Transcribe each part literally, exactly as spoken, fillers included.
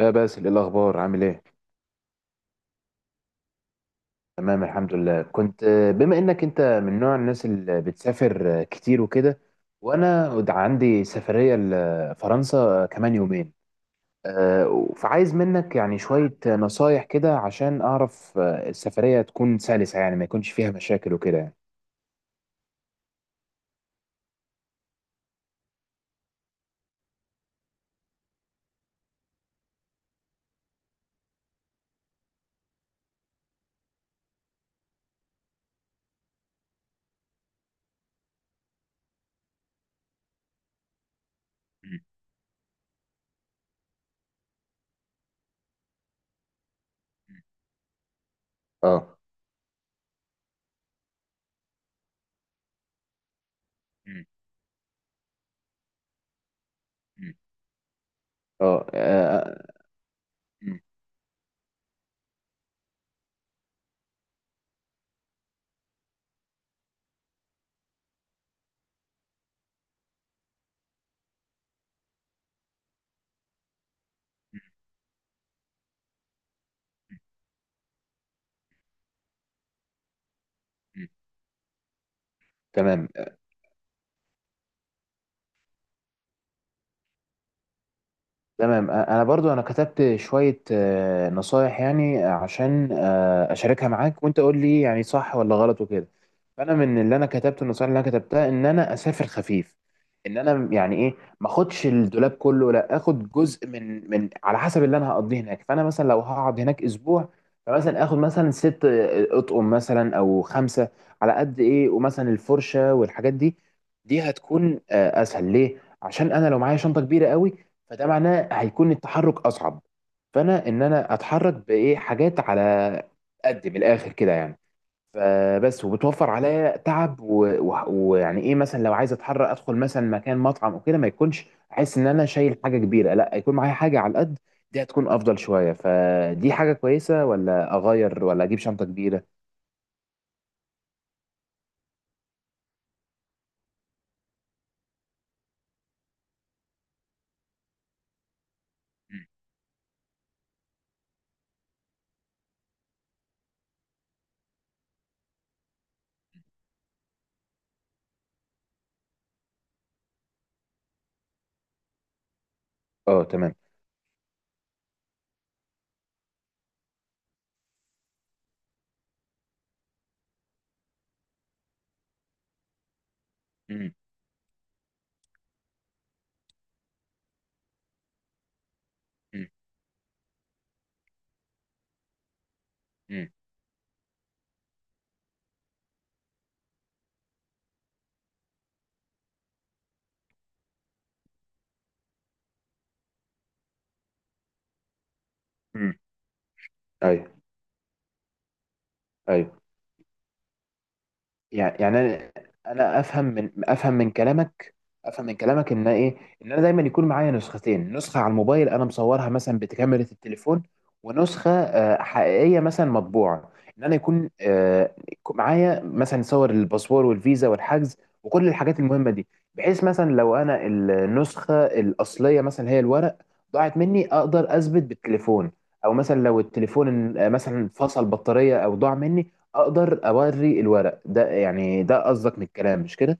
يا باسل، ايه الاخبار؟ عامل ايه؟ تمام، الحمد لله. كنت آه، بما انك انت من نوع الناس اللي بتسافر آه، كتير وكده، وانا د- عندي سفريه لفرنسا آه، كمان يومين. آه، فعايز منك يعني شويه آه، نصايح كده، عشان اعرف آه، السفريه تكون سلسه، يعني ما يكونش فيها مشاكل وكده يعني. مم. اه. مم. مم. اه. آه. آه. مم. مم. تمام. تمام. أ- انا برضو انا كتبت شوية آه، نصايح، يعني عشان آه، اشاركها معاك وانت قول لي يعني صح ولا غلط وكده. فانا من اللي انا كتبته، النصايح اللي انا كتبتها، ان انا اسافر خفيف، ان انا يعني ايه، ما اخدش الدولاب كله، لا اخد جزء من من على حسب اللي انا هقضيه هناك. فانا مثلا لو هقعد هناك اسبوع، فمثلا اخد مثلا ست آه، اطقم، مثلا او خمسة، على قد ايه، ومثلا الفرشة والحاجات دي. دي هتكون آه، اسهل ليه، عشان انا لو معايا شنطة كبيرة قوي، فده معناه هيكون التحرك اصعب. فانا ان انا اتحرك بايه حاجات على قد، من الاخر كده يعني. فبس، وبتوفر عليا تعب و- و- ويعني ايه، مثلا لو عايز اتحرك، ادخل مثلا مكان مطعم او كده، ما يكونش احس ان انا شايل حاجه كبيره، لا يكون معايا حاجه على قد. دي هتكون افضل شويه، فدي حاجه كويسه، ولا اغير ولا اجيب شنطه كبيره؟ مم. اه، تمام. مم. مم. مم. مم. ايوه. ايوه. يعني يعني انا، أنا افهم من افهم من كلامك، افهم من كلامك ان ايه، ان انا دايما يكون معايا نسختين، نسخه على الموبايل انا مصورها مثلا بكاميرا التليفون، ونسخه آه، حقيقيه مثلا مطبوعه. ان انا يكون آه، يكون معايا مثلا صور الباسبور والفيزا والحجز، وكل الحاجات المهمه دي، بحيث مثلا لو انا النسخه الاصليه، مثلا هي الورق، ضاعت مني، اقدر اثبت بالتليفون. او مثلا لو التليفون آه، مثلا فصل بطاريه او ضاع مني، اقدر اوري الورق ده، يعني ده قصدك من الكلام مش كده؟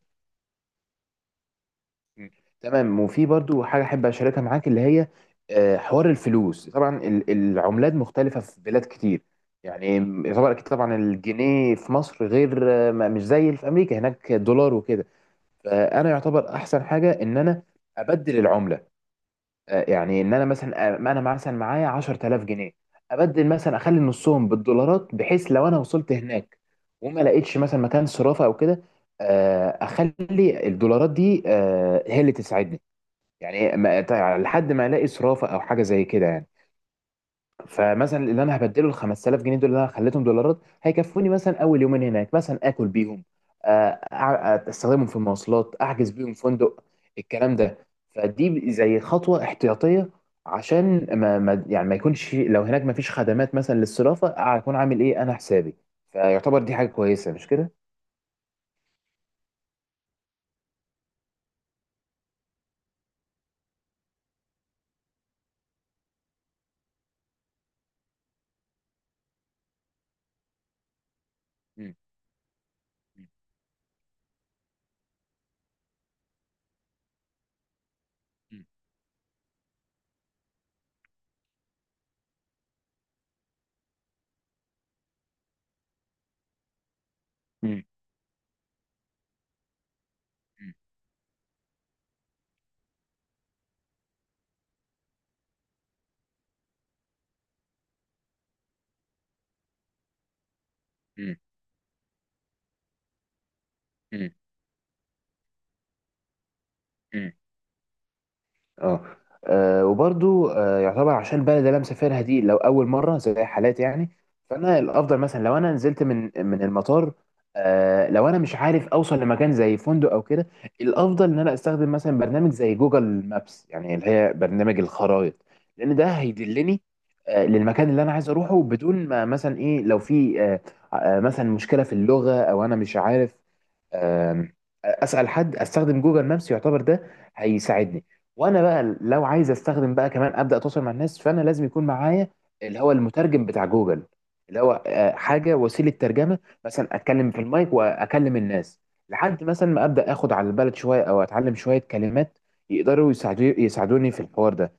مم. تمام. وفي برضو حاجة أحب أشاركها معاك، اللي هي آه، حوار الفلوس، طبعا ال- العملات مختلفة في بلاد كتير يعني. يعتبر أكيد طبعا الجنيه في مصر غير آه، ما- مش زي اللي في أمريكا، هناك دولار وكده. فأنا يعتبر أحسن حاجة إن أنا أبدل العملة، آه، يعني إن أنا مثلا آه، ما أنا مثلا معايا عشرة آلاف جنيه، أبدل، مثلا أخلي نصهم بالدولارات، بحيث لو أنا وصلت هناك وما لقيتش مثلا مكان صرافة أو كده، آه، أخلي الدولارات دي آه، هي اللي تساعدني، يعني ما تع- لحد ما الاقي صرافه او حاجه زي كده يعني. فمثلا اللي انا هبدله، ال خمسة آلاف جنيه دول اللي انا خليتهم دولارات، هيكفوني مثلا اول يومين هناك، مثلا اكل بيهم، آه، أع- استخدمهم في المواصلات، احجز بيهم فندق، الكلام ده. فدي زي خطوه احتياطيه، عشان ما ما- يعني ما يكونش لو هناك ما فيش خدمات مثلا للصرافه، اكون عامل ايه انا حسابي. فيعتبر دي حاجه كويسه مش كده؟ مم. مم. مم. مم. مم. مم. اه. آه، وبرضو آه، يعتبر، عشان البلد اللي انا مسافرها دي لو اول مره، زي حالاتي يعني، فانا الافضل مثلا لو انا نزلت من من المطار، آه، لو انا مش عارف اوصل لمكان زي فندق او كده، الافضل ان انا استخدم مثلا برنامج زي جوجل مابس، يعني اللي هي برنامج الخرائط، لان ده هيدلني آه، للمكان اللي انا عايز اروحه، بدون ما مثلا ايه، لو في آه، آه، مثلا مشكله في اللغه او انا مش عارف، آم، اسال حد، استخدم جوجل مابس، يعتبر ده هيساعدني. وانا بقى لو عايز استخدم بقى كمان ابدا اتواصل مع الناس، فانا لازم يكون معايا اللي هو المترجم بتاع جوجل، اللي هو آه، حاجه، وسيله ترجمه، مثلا اتكلم في المايك واكلم الناس، لحد مثلا ما ابدا اخد على البلد شويه او اتعلم شويه كلمات يقدروا يساعدو- يساعدوني في الحوار ده.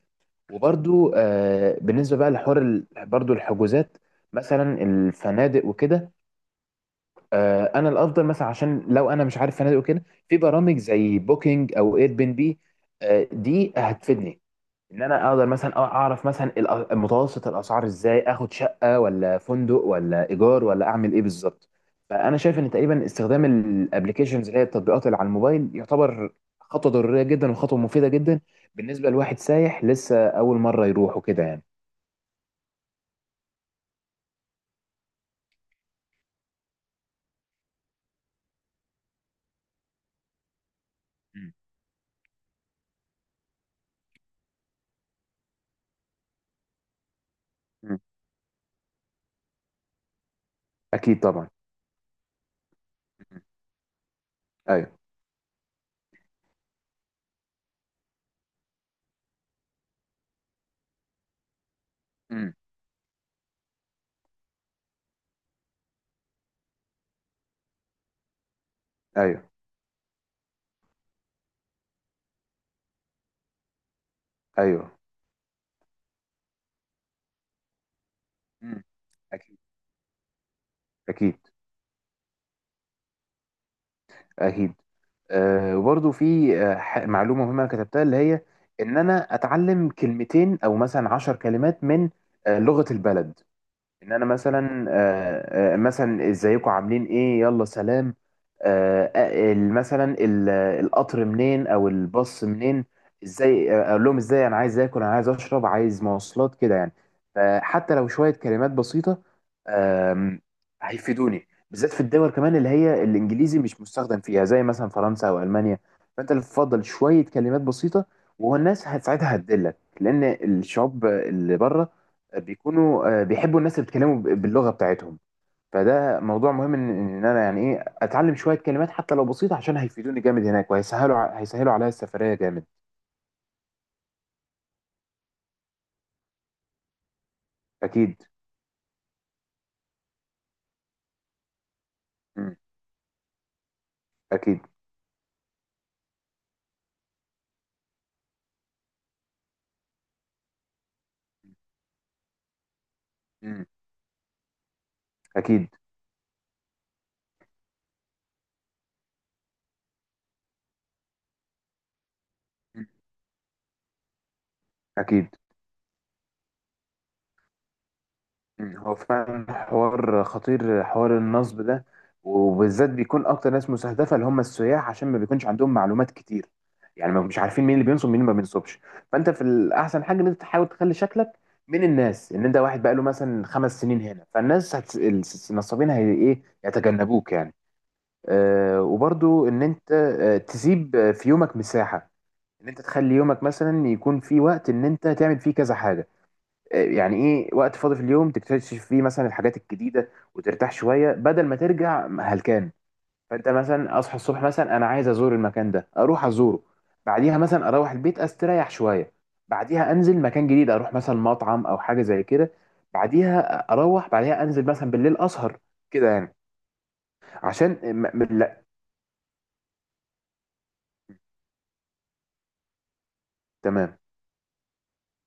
وبرضو آه، بالنسبه بقى لحوار ال- برضو الحجوزات، مثلا الفنادق وكده، آه، انا الافضل مثلا عشان لو انا مش عارف فنادق وكده، في برامج زي بوكينج او اير بي ان بي، آه، دي هتفيدني، ان انا اقدر مثلا أ- اعرف مثلا الأ- متوسط الاسعار، ازاي اخد شقه ولا فندق ولا ايجار، ولا اعمل ايه بالظبط. فانا شايف ان تقريبا استخدام الابلكيشنز، اللي هي التطبيقات اللي على الموبايل، يعتبر خطوه ضروريه جدا وخطوه مفيده جدا بالنسبه لواحد سايح لسه اول مره يروح وكده يعني. مم. مم. اكيد طبعا. مم. ايوه. مم. ايوه. ايوه. مم. اكيد. اكيد. اكيد. آه، وبرضو في آه، ح- معلومه مهمه انا كتبتها، اللي هي ان انا اتعلم كلمتين او مثلا عشر كلمات من آه، لغه البلد. ان انا مثلا آه، آه، مثلا ازيكم، عاملين ايه، يلا، سلام. آه، آه، ال- مثلا ال- القطر منين، او الباص منين، ازاي آه، اقول لهم، ازاي انا عايز اكل، انا عايز اشرب، عايز مواصلات، كده يعني. فحتى لو شويه كلمات بسيطه، آم، هيفيدوني بالذات في الدول كمان اللي هي الانجليزي مش مستخدم فيها، زي مثلا فرنسا او المانيا. فانت اللي تفضل شويه كلمات بسيطه، والناس هت- ساعتها هتدلك، لان الشعوب اللي بره بيكونوا آه، بيحبوا الناس اللي بيتكلموا ب- باللغه بتاعتهم. فده موضوع مهم، ان إن انا يعني ايه اتعلم شويه كلمات حتى لو بسيطه، عشان هيفيدوني جامد هناك، وهيسهلوا ع- هيسهلوا عليا السفريه جامد. اكيد. مم. اكيد. مم. اكيد. مم. اكيد. مم. هو فعلا حوار خطير، حوار النصب ده، وبالذات بيكون اكتر ناس مستهدفه اللي هم السياح، عشان ما بيكونش عندهم معلومات كتير، يعني ما مش عارفين مين اللي بينصب مين اللي ما بينصبش. فانت في، الاحسن حاجه ان انت تحاول تخلي شكلك من الناس ان انت واحد بقاله مثلا خمس سنين هنا، فالناس هت... الس- النصابين هي ايه يتجنبوك يعني. آه وبرضو ان انت آه تسيب آه، في يومك مساحه، ان انت تخلي يومك مثلا يكون في وقت ان انت تعمل فيه كذا حاجه، يعني ايه، وقت فاضي في اليوم تكتشف فيه مثلا الحاجات الجديده، وترتاح شويه بدل ما ترجع هلكان. فانت مثلا اصحى الصبح، مثلا انا عايز ازور المكان ده، اروح ازوره. بعديها مثلا اروح البيت استريح شويه، بعديها انزل مكان جديد، اروح مثلا مطعم او حاجه زي كده، بعديها اروح، بعديها انزل مثلا بالليل اسهر، كده يعني. عشان م- م- لا، تمام.